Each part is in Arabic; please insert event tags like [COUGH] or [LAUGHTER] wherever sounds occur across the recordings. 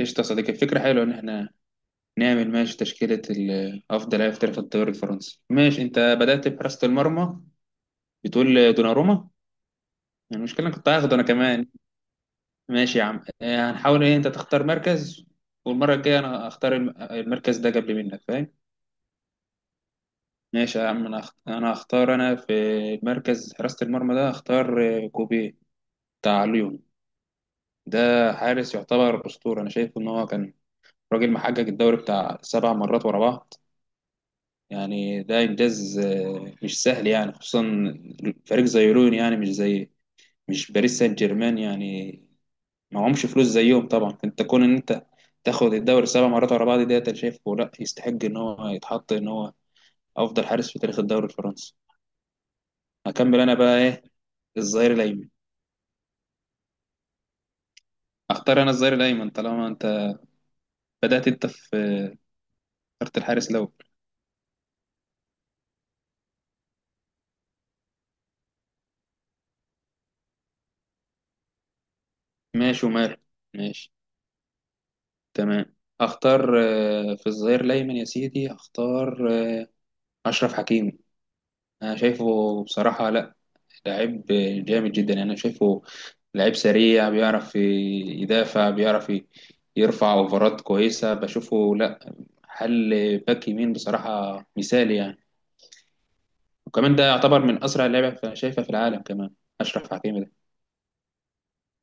قشطة يا صديقي، الفكرة حلوة إن إحنا نعمل ماشي تشكيلة أفضل لاعب في تاريخ الدوري الفرنسي. ماشي أنت بدأت بحراسة المرمى، بتقول دوناروما. المشكلة أنا كنت هاخده أنا كمان. ماشي يا عم، هنحاول إيه، أنت تختار مركز والمرة الجاية أنا أختار المركز ده قبل منك، فاهم؟ ماشي يا عم، أنا هختار أنا في مركز حراسة المرمى ده. هختار كوبي بتاع ليون ده. حارس يعتبر أسطورة، أنا شايف إن هو كان راجل محقق الدوري بتاع سبع مرات ورا بعض. يعني ده إنجاز مش سهل، يعني خصوصا فريق زي لون، يعني مش باريس سان جيرمان يعني، ما معهمش فلوس زيهم طبعا. فأنت كون إن أنت تاخد الدوري سبع مرات ورا بعض ديت، أنا شايفه لا يستحق إن هو يتحط إن هو أفضل حارس في تاريخ الدوري الفرنسي. هكمل أنا بقى إيه، الظهير الأيمن. أختار أنا الظهير الأيمن طالما أنت بدأت، أنت في اخترت الحارس الأول. ماشي وماله، ماشي، تمام. أختار في الظهير الأيمن يا سيدي، أختار أشرف حكيمي. انا شايفه بصراحة، لا، لعيب جامد جدا يعني. انا شايفه لعيب سريع، بيعرف يدافع، بيعرف يرفع اوفرات كويسة، بشوفه لا حل باك يمين بصراحة مثالي يعني. وكمان ده يعتبر من اسرع اللعيبة شايفها في العالم كمان، اشرف حكيمي ده.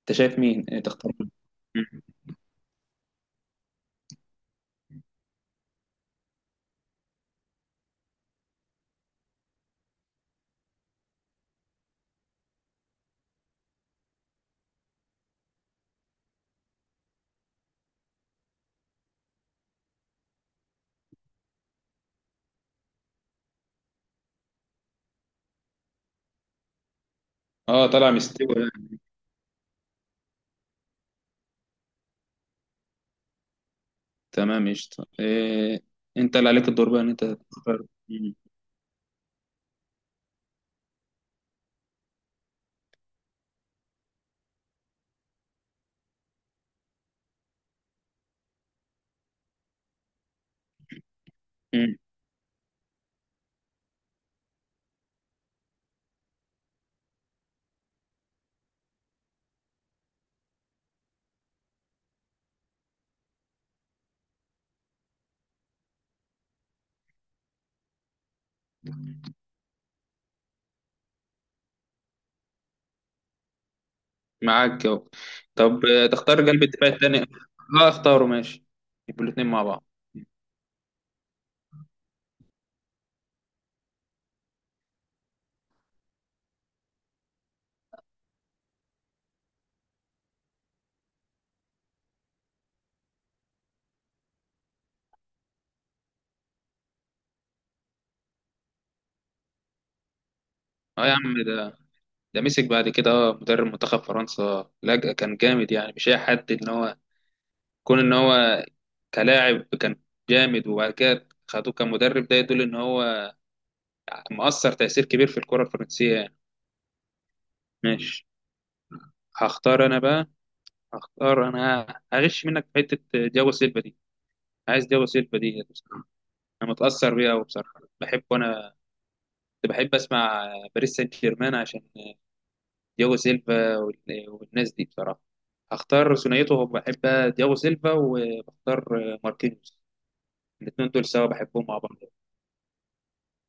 انت شايف مين إيه تختار مين؟ مم. اه طلع مستوى يعني. تمام قشطة، انت اللي عليك الدور بقى ان انت تختار. مم. مم. معاك جو. طب تختار قلب الدفاع الثاني. اه اختاره ماشي، يبقوا الاثنين مع بعض. اه يا عم ده مسك بعد كده اه مدرب منتخب فرنسا لجأ، كان جامد يعني، مش اي حد. ان هو كون ان هو كلاعب كان جامد، وبعد كده خدوه كمدرب، ده يدل ان هو مؤثر تأثير كبير في الكرة الفرنسية يعني. ماشي. هختار انا بقى هختار انا هغش منك في حتة دياغو سيلفا دي. عايز دياغو سيلفا دي بصراحة، انا متأثر بيها وبصراحة بحبه انا. كنت بحب اسمع باريس سان جيرمان عشان دياغو سيلفا والناس دي بصراحه. هختار ثنائيته، بحب دياغو سيلفا، وبختار ماركينيوس. الاثنين دول سوا بحبهم مع بعض.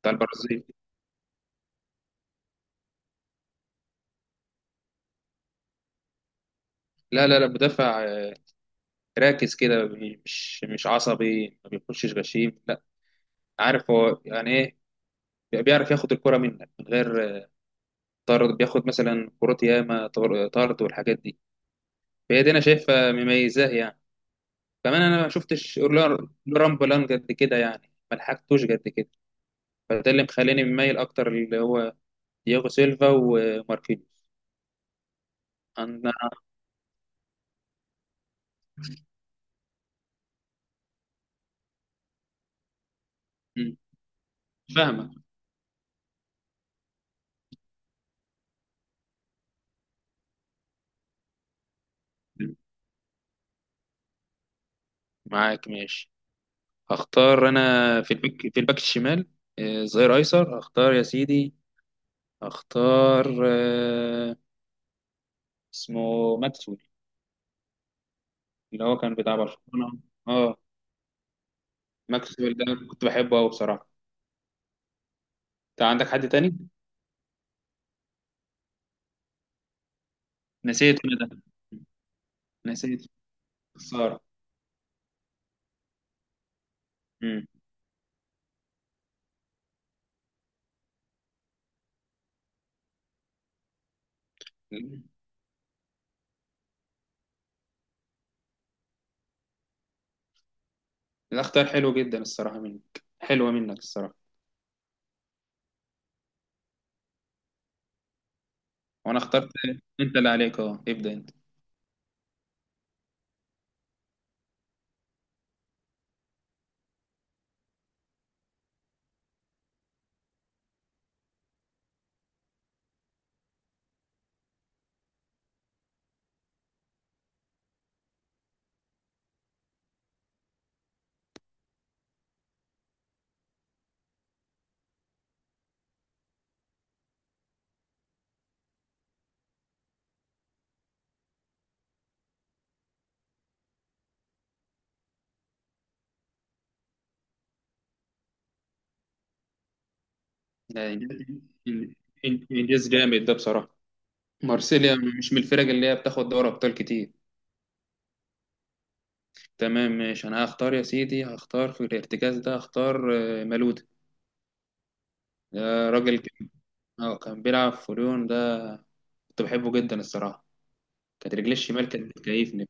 بتاع البرازيل. لا لا لا، مدافع راكز كده، مش عصبي، ما بيخشش غشيم لا. عارف هو يعني ايه. بيعرف ياخد الكرة منك من غير طرد، بياخد مثلا كرات ياما طرد والحاجات دي. فهي دي انا شايفها مميزاه يعني. كمان انا ما شفتش لوران بولان قد كده يعني، ما لحقتوش قد كده. فده اللي مخليني مميل اكتر اللي هو دياغو سيلفا وماركينيوس انا. مم. فاهمك. معاك ماشي. هختار انا في الباك في الباك الشمال، ظهير ايسر هختار يا سيدي. هختار اسمه ماكسويل، اللي هو كان بتاع برشلونة. اه، ماكسويل ده كنت بحبه قوي بصراحة. انت عندك حد تاني؟ نسيت أنا ده، نسيت، خسارة. مم. ده اختيار حلو جدا الصراحة، منك حلوة منك الصراحة. وانا اخترت، انت اللي عليك، اه ابدأ انت. ده إنجاز، انجاز جامد ده بصراحة. مارسيليا مش من الفرق اللي هي بتاخد دوري ابطال كتير. تمام ماشي، انا هختار يا سيدي، هختار في الارتكاز ده. هختار مالودا. ده راجل كان بيلعب في ليون ده، كنت بحبه جدا الصراحة. كانت رجلي الشمال كانت بتكيفني.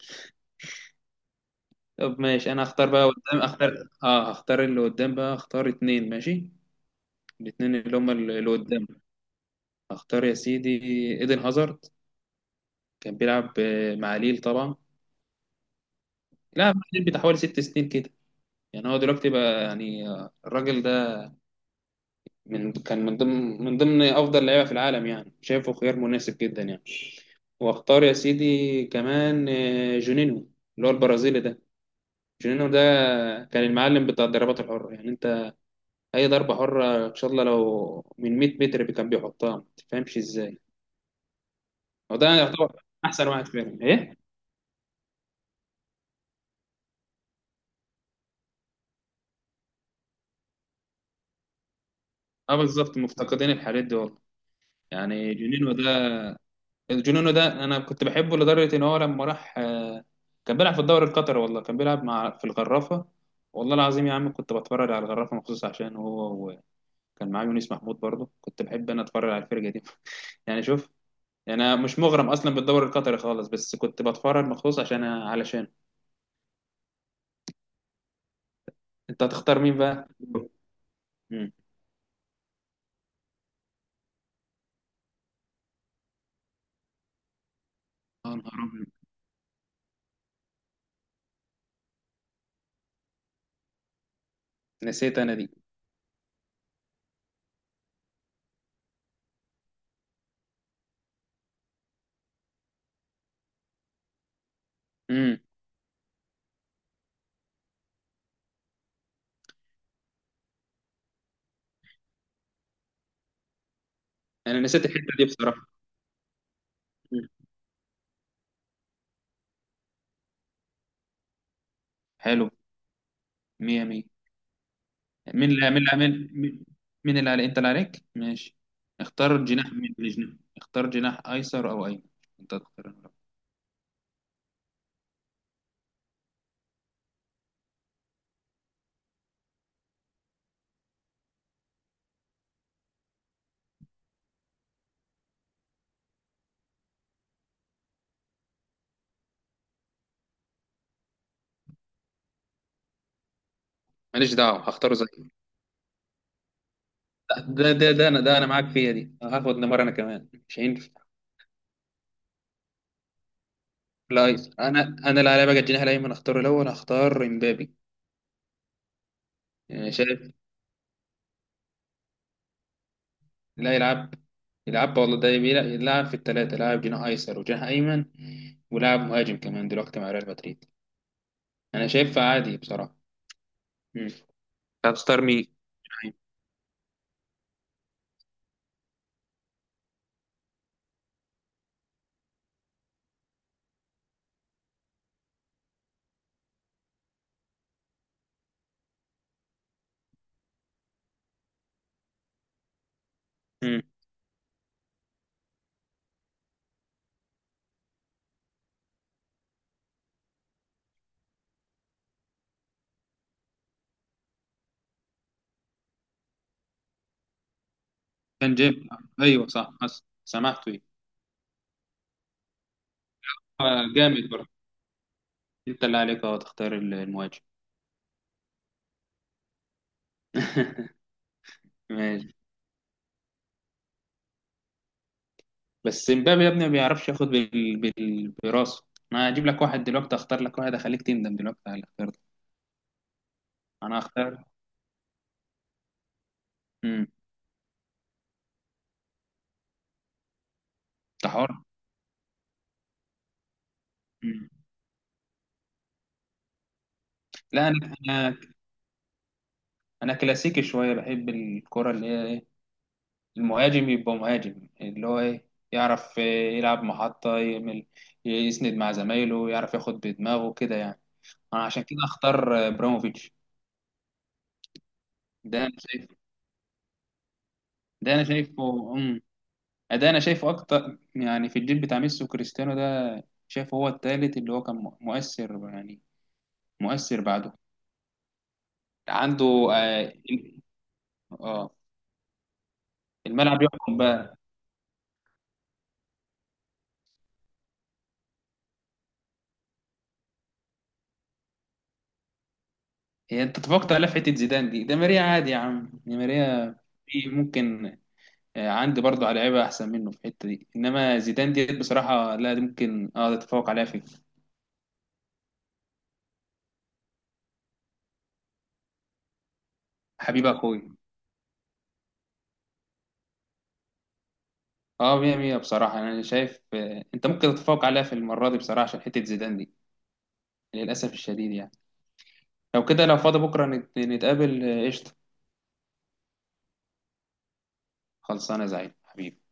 طب ماشي، انا هختار بقى قدام، اختار اه هختار اللي قدام بقى، هختار اتنين ماشي، الاتنين اللي هما اللي قدام. اختار يا سيدي ايدن هازارد، كان بيلعب مع ليل طبعا، لا مع ليل بتاع حوالي ست سنين كده. يعني هو دلوقتي بقى يعني، الراجل ده من ضمن افضل لعيبه في العالم يعني، شايفه خيار مناسب جدا يعني. واختار يا سيدي كمان جونينيو، اللي هو البرازيلي ده. جونينيو ده كان المعلم بتاع الضربات الحره يعني. انت اي ضربه حره ان شاء الله لو من 100 متر كان بيحطها، ما تفهمش ازاي. وده يعتبر احسن واحد فيهم ايه. اه بالظبط، مفتقدين الحاجات دي والله. يعني جونينو ده، جونينو ده انا كنت بحبه لدرجه ان هو لما راح، كان بيلعب في الدوري القطري والله، كان بيلعب مع في الغرافه. والله العظيم يا عم كنت بتفرج على الغرافه مخصوص عشان هو. وكان معاه يونس محمود برضه، كنت بحب انا اتفرج على الفرقه دي. [LAUGHS] يعني شوف، يعني انا مش مغرم اصلا بالدوري القطري خالص، بس كنت بتفرج مخصوص علشان. انت هتختار مين بقى؟ امم يا نهار ابيض، نسيت انا دي امم انا نسيت الحته دي بصراحه. مم. حلو، مية مية. مين اللي عامل مين؟ مين اللي على، انت اللي عليك ماشي. اختار جناح، مين الجناح؟ اختار جناح ايسر او ايمن، انت تختار أنا. ماليش دعوه هختاره زي، ده انا، ده انا معاك فيها دي، هاخد نيمار انا كمان مش هينفع. لا أيسر. انا اللي عليا بقى الجناح الايمن اختاره الاول، هختار امبابي. يعني شايف؟ لا يلعب، يلعب والله، ده بيلعب، يلعب في الثلاثه، لاعب جناح ايسر وجناح ايمن، ولاعب مهاجم كمان دلوقتي مع ريال مدريد. انا شايفها عادي بصراحه. مم. هتختار مين؟ كان جيم. ايوه صح، سمعته ايه. جامد برضه. انت اللي عليك اهو، تختار المهاجم. [LAUGHS] ماشي. بس مبابي يا ابني ما بيعرفش ياخد براسه. انا هجيب لك واحد دلوقتي، اختار لك واحد اخليك تندم دلوقتي على اللي اخترته. انا هختار. امم انت حر. مم. لا انا كلاسيكي شويه، بحب الكره اللي هي ايه، المهاجم يبقى مهاجم اللي هو ايه، يعرف يلعب محطه، يعمل يسند مع زمايله، يعرف ياخد بدماغه كده يعني. انا عشان كده اختار ابراموفيتش. ده انا شايف ده انا شايفه امم ده انا شايفه اكتر يعني، في الجيل بتاع ميسي وكريستيانو ده شايفه هو التالت اللي هو كان مؤثر يعني، مؤثر بعده عنده. اه, آه الملعب يحكم بقى. هي انت اتفقت على حته زيدان دي، ده ماريا عادي يا عم، دي ماريا في ممكن. عندي برضه على لعيبه احسن منه في الحته دي، انما زيدان دي بصراحه لا، دي ممكن تتفوق عليها في. حبيب اخوي. اه مية مية بصراحه، انا شايف انت ممكن تتفوق عليها في المره دي بصراحه، عشان حته زيدان دي للأسف الشديد يعني. لو كده لو فاضي بكرة نتقابل قشطة. خلصانة يا زعيم حبيبي.